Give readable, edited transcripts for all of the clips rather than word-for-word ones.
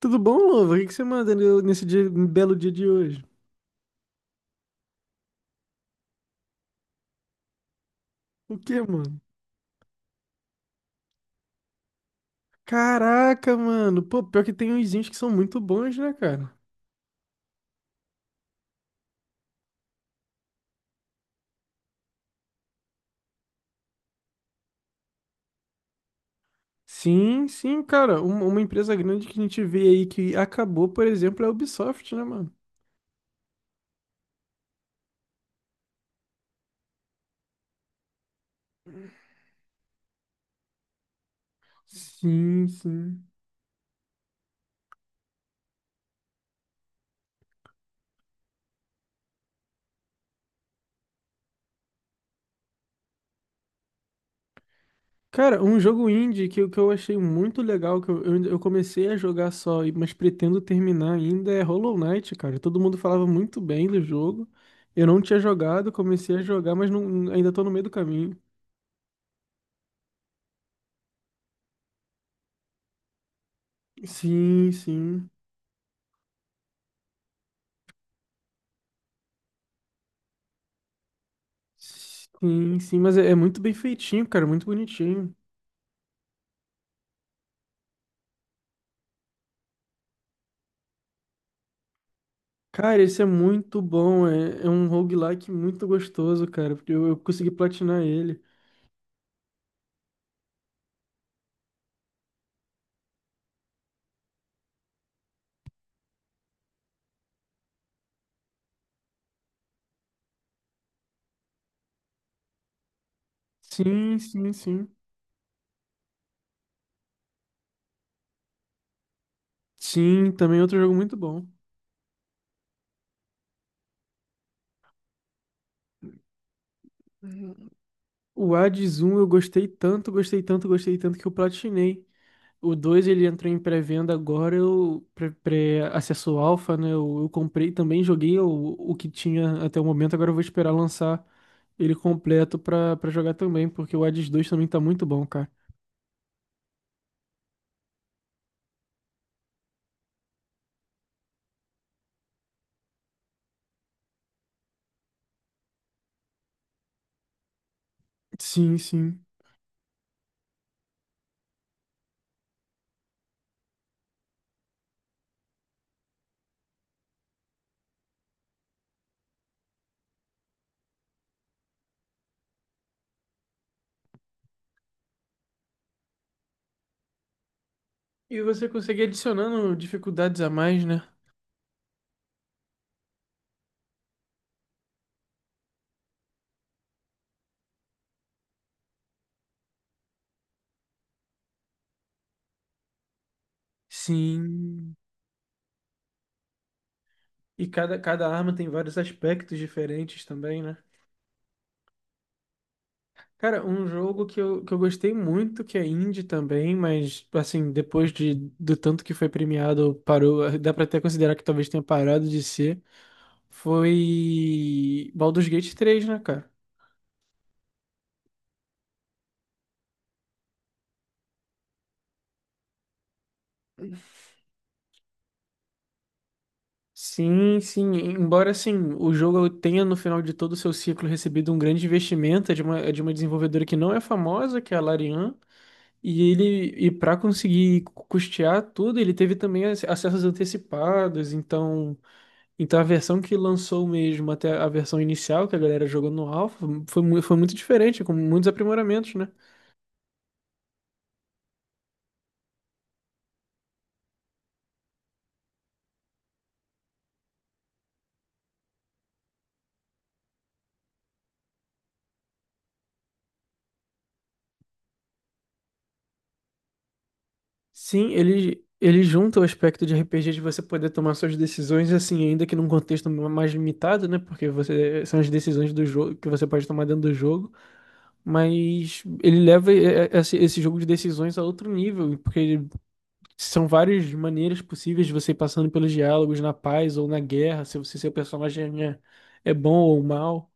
Tudo bom, Luva? O que que você manda belo dia de hoje? O que, mano? Caraca, mano. Pô, pior que tem uns indies que são muito bons, né, cara? Sim, sim, cara. Uma empresa grande que a gente vê aí que acabou, por exemplo, é a Ubisoft, né, mano? Sim, sim. Cara, um jogo indie que, que eu achei muito legal, que eu comecei a jogar só, mas pretendo terminar ainda, é Hollow Knight, cara. Todo mundo falava muito bem do jogo. Eu não tinha jogado, comecei a jogar, mas não, ainda tô no meio do caminho. Sim, sim. Sim, sim, mas é muito bem feitinho, cara, muito bonitinho. Cara, esse é muito bom, é um roguelike muito gostoso, cara, porque eu consegui platinar ele. Sim, sim, sim. Sim, também é outro jogo muito bom. O Hades 1 eu gostei tanto, gostei tanto, gostei tanto que eu platinei. O 2 ele entrou em pré-venda agora, acesso alfa, né? Eu comprei também, joguei o que tinha até o momento, agora eu vou esperar lançar ele completo pra jogar também, porque o Hades dois também tá muito bom, cara. Sim, sim. E você consegue adicionando dificuldades a mais, né? Sim. E cada arma tem vários aspectos diferentes também, né? Cara, um jogo que que eu gostei muito, que é indie também, mas assim, depois do tanto que foi premiado, parou, dá pra até considerar que talvez tenha parado de ser, foi Baldur's Gate três, né, cara? Sim, sim, embora assim, o jogo tenha no final de todo o seu ciclo recebido um grande investimento, é de uma desenvolvedora que não é famosa, que é a Larian, e ele para conseguir custear tudo, ele teve também acessos antecipados, então. Então a versão que lançou mesmo até a versão inicial que a galera jogou no Alpha foi, foi muito diferente, com muitos aprimoramentos, né? Sim, ele junta o aspecto de RPG de você poder tomar suas decisões, assim, ainda que num contexto mais limitado, né? Porque você, são as decisões do jogo que você pode tomar dentro do jogo, mas ele leva esse jogo de decisões a outro nível, porque são várias maneiras possíveis de você ir passando pelos diálogos na paz ou na guerra, se seu personagem é bom ou mal.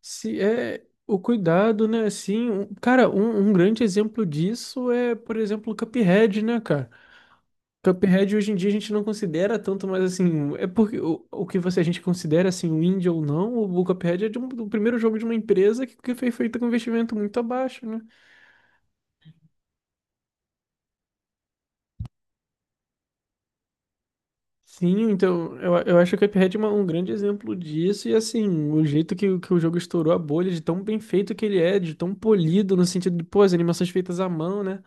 Se é o cuidado, né? Assim, um grande exemplo disso é, por exemplo, o Cuphead, né, cara? Cuphead hoje em dia a gente não considera tanto, mas assim, é porque o que você a gente considera assim, o indie ou não, o Cuphead é do primeiro jogo de uma empresa que foi feito com investimento muito abaixo, né? Sim, então eu acho que o Cuphead é um grande exemplo disso, e assim, o jeito que, que o jogo estourou a bolha, de tão bem feito que ele é, de tão polido, no sentido de, pô, as animações feitas à mão, né?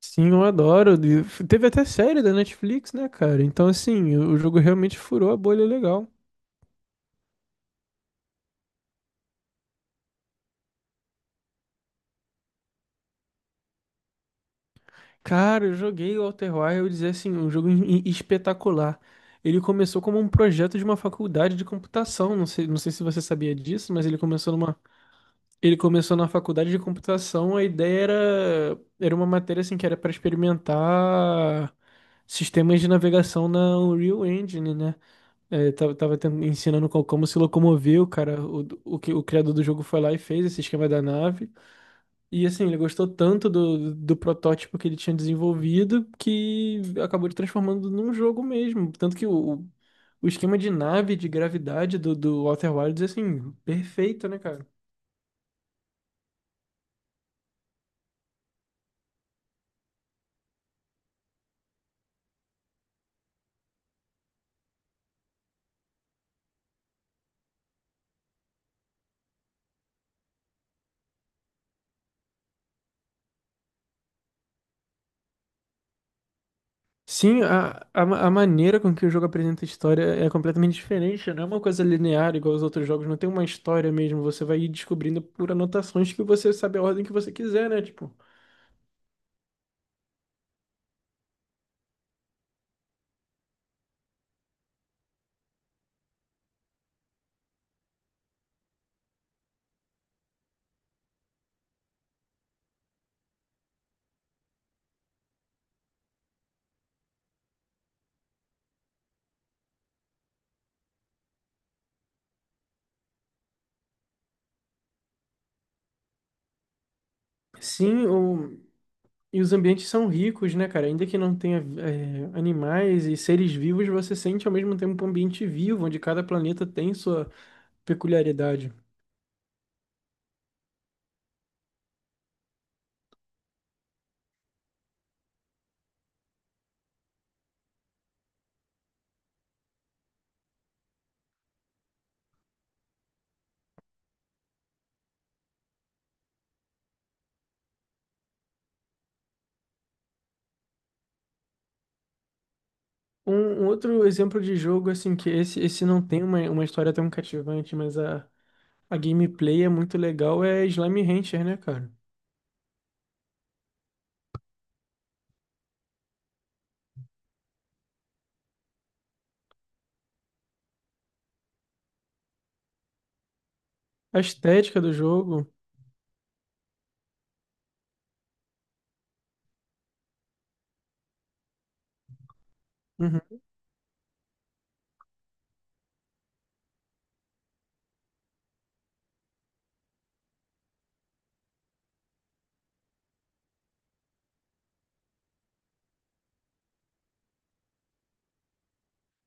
Sim, eu adoro. E teve até série da Netflix, né, cara? Então, assim, o jogo realmente furou a bolha legal. Cara, eu joguei o Outer Wilds, e, assim, um jogo espetacular. Ele começou como um projeto de uma faculdade de computação. Não sei, não sei se você sabia disso, mas ele começou numa, ele começou na faculdade de computação. A ideia era uma matéria assim que era para experimentar sistemas de navegação na Unreal Engine, né? É, ensinando como se locomover, o cara, o criador do jogo foi lá e fez esse esquema da nave. E assim, ele gostou tanto do protótipo que ele tinha desenvolvido que acabou de transformando num jogo mesmo. Tanto que o esquema de nave, de gravidade do Outer Wilds é assim, perfeito, né, cara? Sim, a maneira com que o jogo apresenta a história é completamente diferente, né? Não é uma coisa linear igual os outros jogos, não tem uma história mesmo. Você vai ir descobrindo por anotações que você sabe a ordem que você quiser, né? Tipo, sim, o... E os ambientes são ricos, né, cara? Ainda que não tenha é, animais e seres vivos, você sente ao mesmo tempo um ambiente vivo, onde cada planeta tem sua peculiaridade. Um outro exemplo de jogo, assim, que esse não tem uma história tão cativante, mas a. A gameplay é muito legal, é Slime Rancher, né, cara? A estética do jogo. Uhum.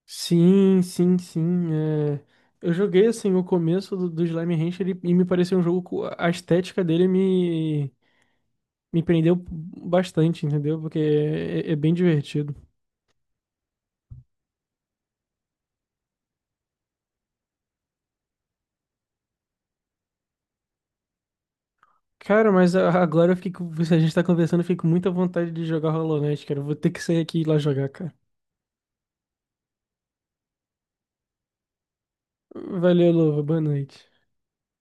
Sim, sim, sim, é. Eu joguei assim o começo do Slime Rancher e me pareceu um jogo. A estética dele me prendeu bastante, entendeu? Porque é bem divertido. Cara, mas a- agora eu fiquei com- se a gente tá conversando, eu fico com muita vontade de jogar Hollow Knight, cara. Eu vou ter que sair aqui e ir lá jogar, cara. Valeu, Luva. Boa noite.